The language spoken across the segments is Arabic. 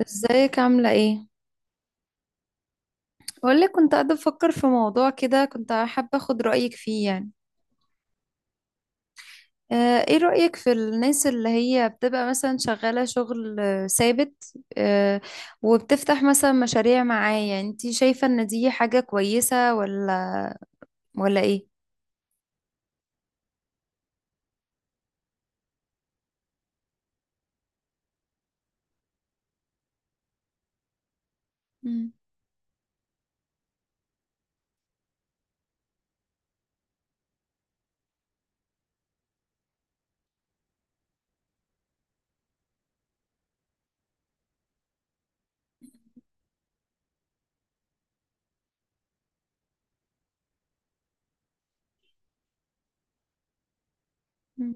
ازيك عاملة ايه؟ بقولك كنت قاعدة بفكر في موضوع كده، كنت حابة اخد رأيك فيه يعني. ايه رأيك في الناس اللي هي بتبقى مثلا شغالة شغل ثابت، وبتفتح مثلا مشاريع معايا؟ انتي شايفة ان دي حاجة كويسة ولا ايه؟ مم. مم.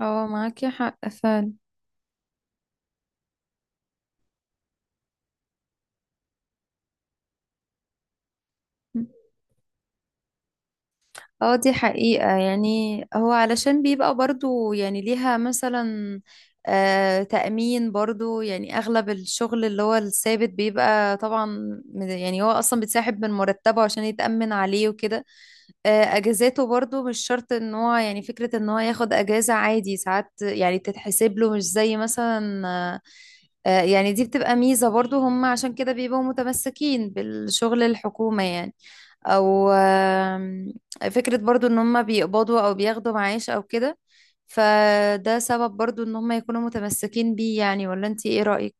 اه، معاكي حق فعلا. اه، دي حقيقة يعني. هو علشان بيبقى برضو يعني ليها مثلا تأمين برضو، يعني أغلب الشغل اللي هو الثابت بيبقى طبعا يعني هو أصلا بيتسحب من مرتبه عشان يتأمن عليه وكده. آه، أجازاته برضو مش شرط، إن هو يعني فكرة إن هو ياخد أجازة عادي، ساعات يعني بتتحسب له مش زي مثلا يعني دي بتبقى ميزة برضو، هم عشان كده بيبقوا متمسكين بالشغل الحكومة يعني، او فكرة برضو ان هم بيقبضوا او بياخدوا معاش او كده. فده سبب برضو ان هم يكونوا متمسكين بيه يعني. ولا انتي ايه رأيك؟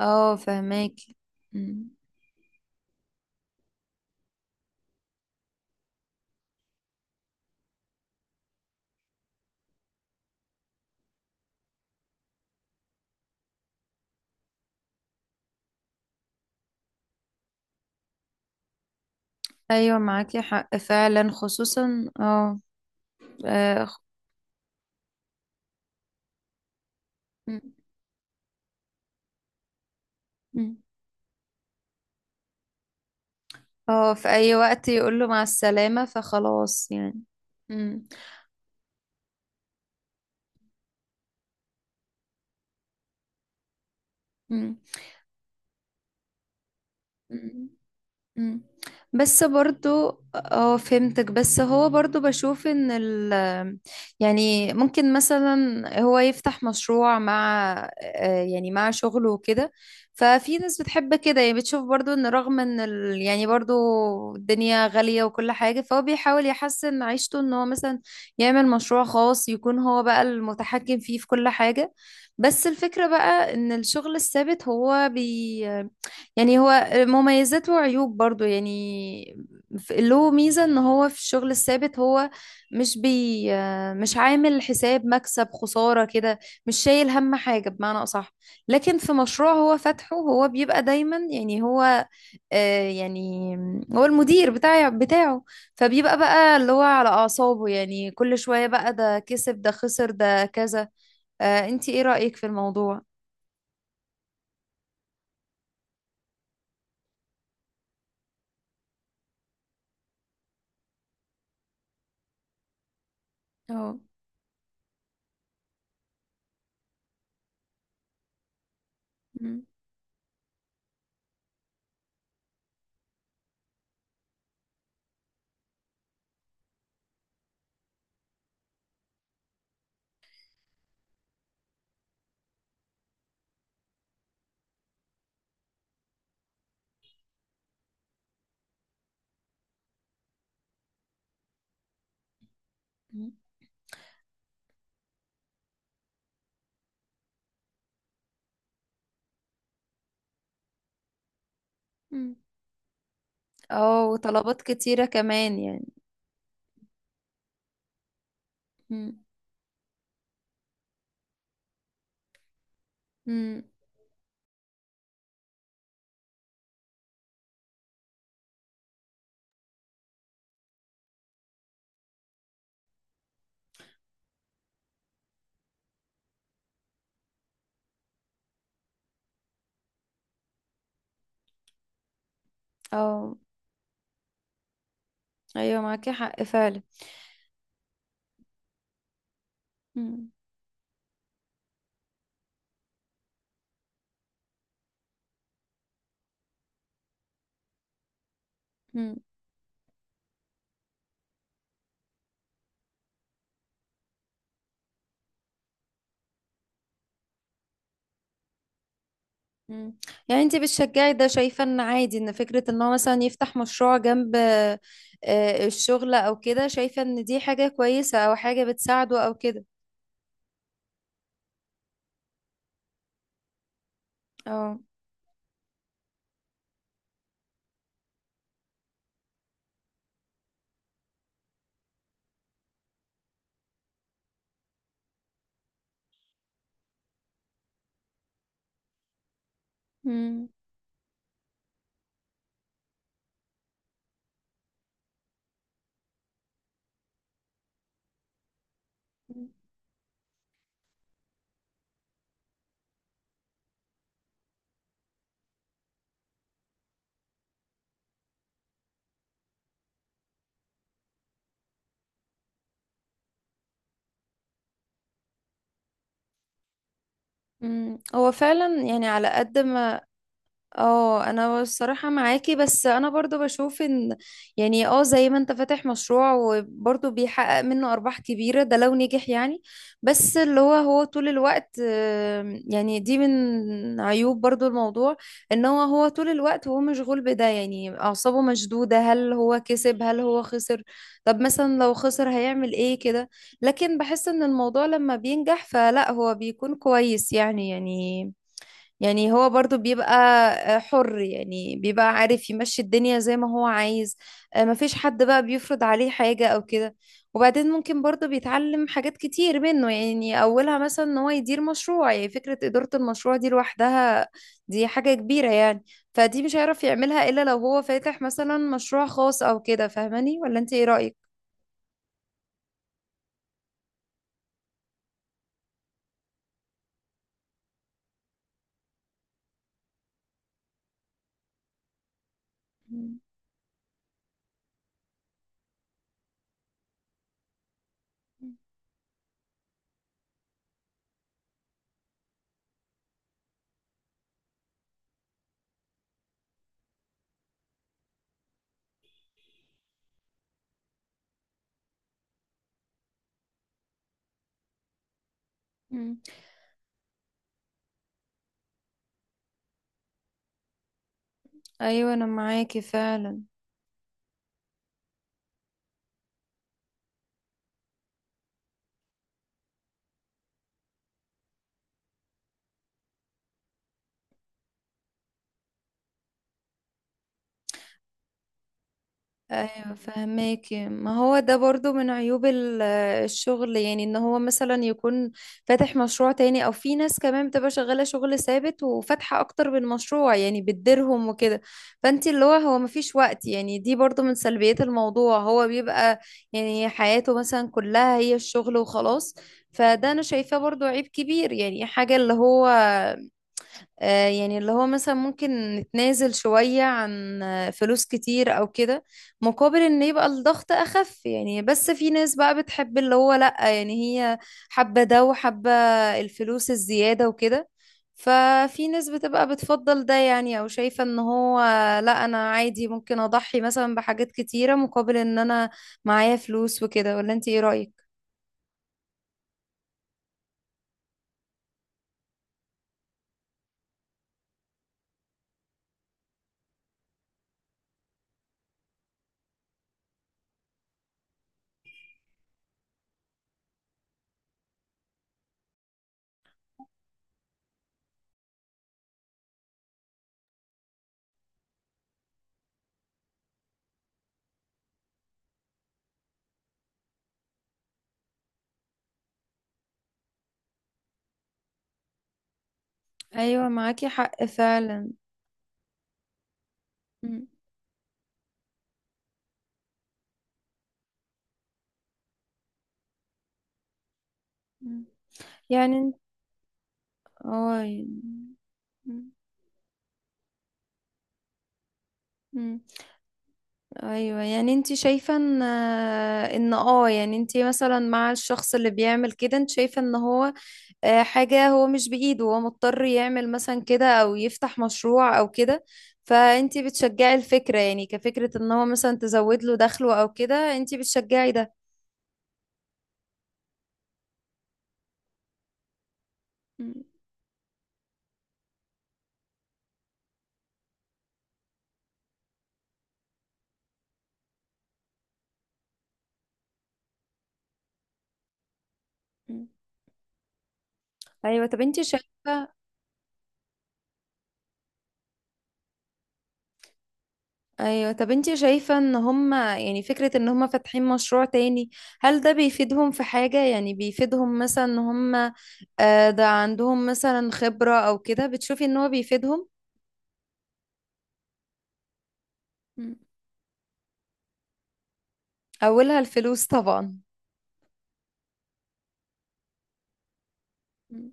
اه، فهماكي. مم. ايوه، معاكي حق فعلا، خصوصا اه. اه خ- مم. مم. في اي وقت يقول له مع السلامة فخلاص يعني. مم. مم. مم. بس برضو اه فهمتك، بس هو برضو بشوف ان يعني ممكن مثلا هو يفتح مشروع مع يعني مع شغله وكده. ففي ناس بتحب كده يعني، بتشوف برضو ان رغم ان ال يعني برضو الدنيا غالية وكل حاجة، فهو بيحاول يحسن عيشته ان هو مثلا يعمل مشروع خاص يكون هو بقى المتحكم فيه في كل حاجة. بس الفكرة بقى ان الشغل الثابت هو بي يعني هو مميزات وعيوب برضو يعني. له ميزة ان هو في الشغل الثابت هو مش بي مش عامل حساب مكسب خسارة كده، مش شايل هم حاجة بمعنى أصح. لكن في مشروع هو فاتحه، هو بيبقى دايما يعني هو، آه، يعني هو المدير بتاعه. فبيبقى بقى اللي هو على أعصابه يعني، كل شوية بقى ده كسب ده خسر ده كذا. انتي ايه رأيك في الموضوع؟ اه. مم. مم. اه، وطلبات كتيرة كمان يعني. مم. مم. اه. ايوه، معاكي حق فعلا. مم. مم. مم. يعني انتي بتشجعي ده؟ شايفة ان عادي، ان فكرة ان هو مثلا يفتح مشروع جنب الشغل او كده؟ شايفة ان دي حاجة كويسة او حاجة بتساعده او كده؟ اه. مم. مم. هو فعلا يعني على قد ما. اه، انا الصراحة معاكي، بس انا برضو بشوف ان يعني اه زي ما انت فاتح مشروع وبرضو بيحقق منه ارباح كبيرة، ده لو نجح يعني. بس اللي هو هو طول الوقت يعني دي من عيوب برضو الموضوع، ان هو هو طول الوقت هو مشغول بده يعني، اعصابه مشدودة، هل هو كسب هل هو خسر؟ طب مثلا لو خسر هيعمل ايه كده؟ لكن بحس ان الموضوع لما بينجح فلا هو بيكون كويس يعني، يعني هو برضو بيبقى حر يعني، بيبقى عارف يمشي الدنيا زي ما هو عايز، مفيش حد بقى بيفرض عليه حاجة أو كده. وبعدين ممكن برضو بيتعلم حاجات كتير منه يعني، أولها مثلا إن هو يدير مشروع. يعني فكرة إدارة المشروع دي لوحدها دي حاجة كبيرة يعني. فدي مش هيعرف يعملها إلا لو هو فاتح مثلا مشروع خاص أو كده. فاهماني ولا أنت إيه رأيك؟ مم. مم. أيوة، أنا معاكي فعلا. ايوه فهماكي. ما هو ده برضو من عيوب الشغل يعني، ان هو مثلا يكون فاتح مشروع تاني، او في ناس كمان بتبقى شغالة شغل ثابت وفاتحة اكتر من مشروع يعني بتديرهم وكده. فانت اللي هو هو مفيش وقت، يعني دي برضو من سلبيات الموضوع، هو بيبقى يعني حياته مثلا كلها هي الشغل وخلاص. فده انا شايفاه برضو عيب كبير يعني. حاجة اللي هو يعني اللي هو مثلا ممكن نتنازل شوية عن فلوس كتير أو كده مقابل إن يبقى الضغط أخف يعني. بس في ناس بقى بتحب اللي هو لأ، يعني هي حابة ده، وحابة الفلوس الزيادة وكده. ففي ناس بتبقى بتفضل ده يعني، أو شايفة إن هو لأ، أنا عادي ممكن أضحي مثلا بحاجات كتيرة مقابل إن أنا معايا فلوس وكده. ولا أنت إيه رأيك؟ أيوة معاكي حق فعلا. م- م. يعني أنت- اه يعني م. مم. ايوه يعني انت شايفه ان ان اه يعني انت مثلا مع الشخص اللي بيعمل كده، انت شايفه ان هو حاجه هو مش بايده، هو مضطر يعمل مثلا كده او يفتح مشروع او كده. فانت بتشجعي الفكره يعني، كفكره ان هو مثلا تزود له دخله او كده، انت بتشجعي ده؟ مم. مم. ايوه طب انت شايفه. ايوه طب انتي شايفة ان هما يعني فكرة ان هما فاتحين مشروع تاني، هل ده بيفيدهم في حاجة؟ يعني بيفيدهم مثلا ان هما ده عندهم مثلا خبرة او كده؟ بتشوفي ان هو بيفيدهم؟ مم. اولها الفلوس طبعا. مم.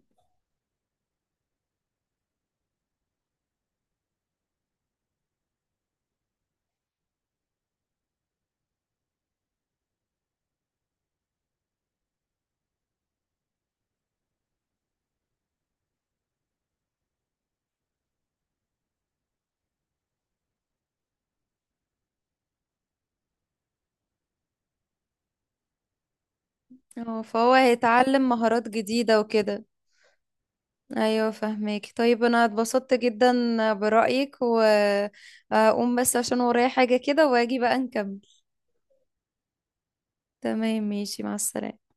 اه، فهو هيتعلم مهارات جديدة وكده. ايوه فهماكي. طيب انا اتبسطت جدا برأيك، واقوم بس عشان ورايا حاجة كده، واجي بقى نكمل. تمام، ماشي، مع السلامة.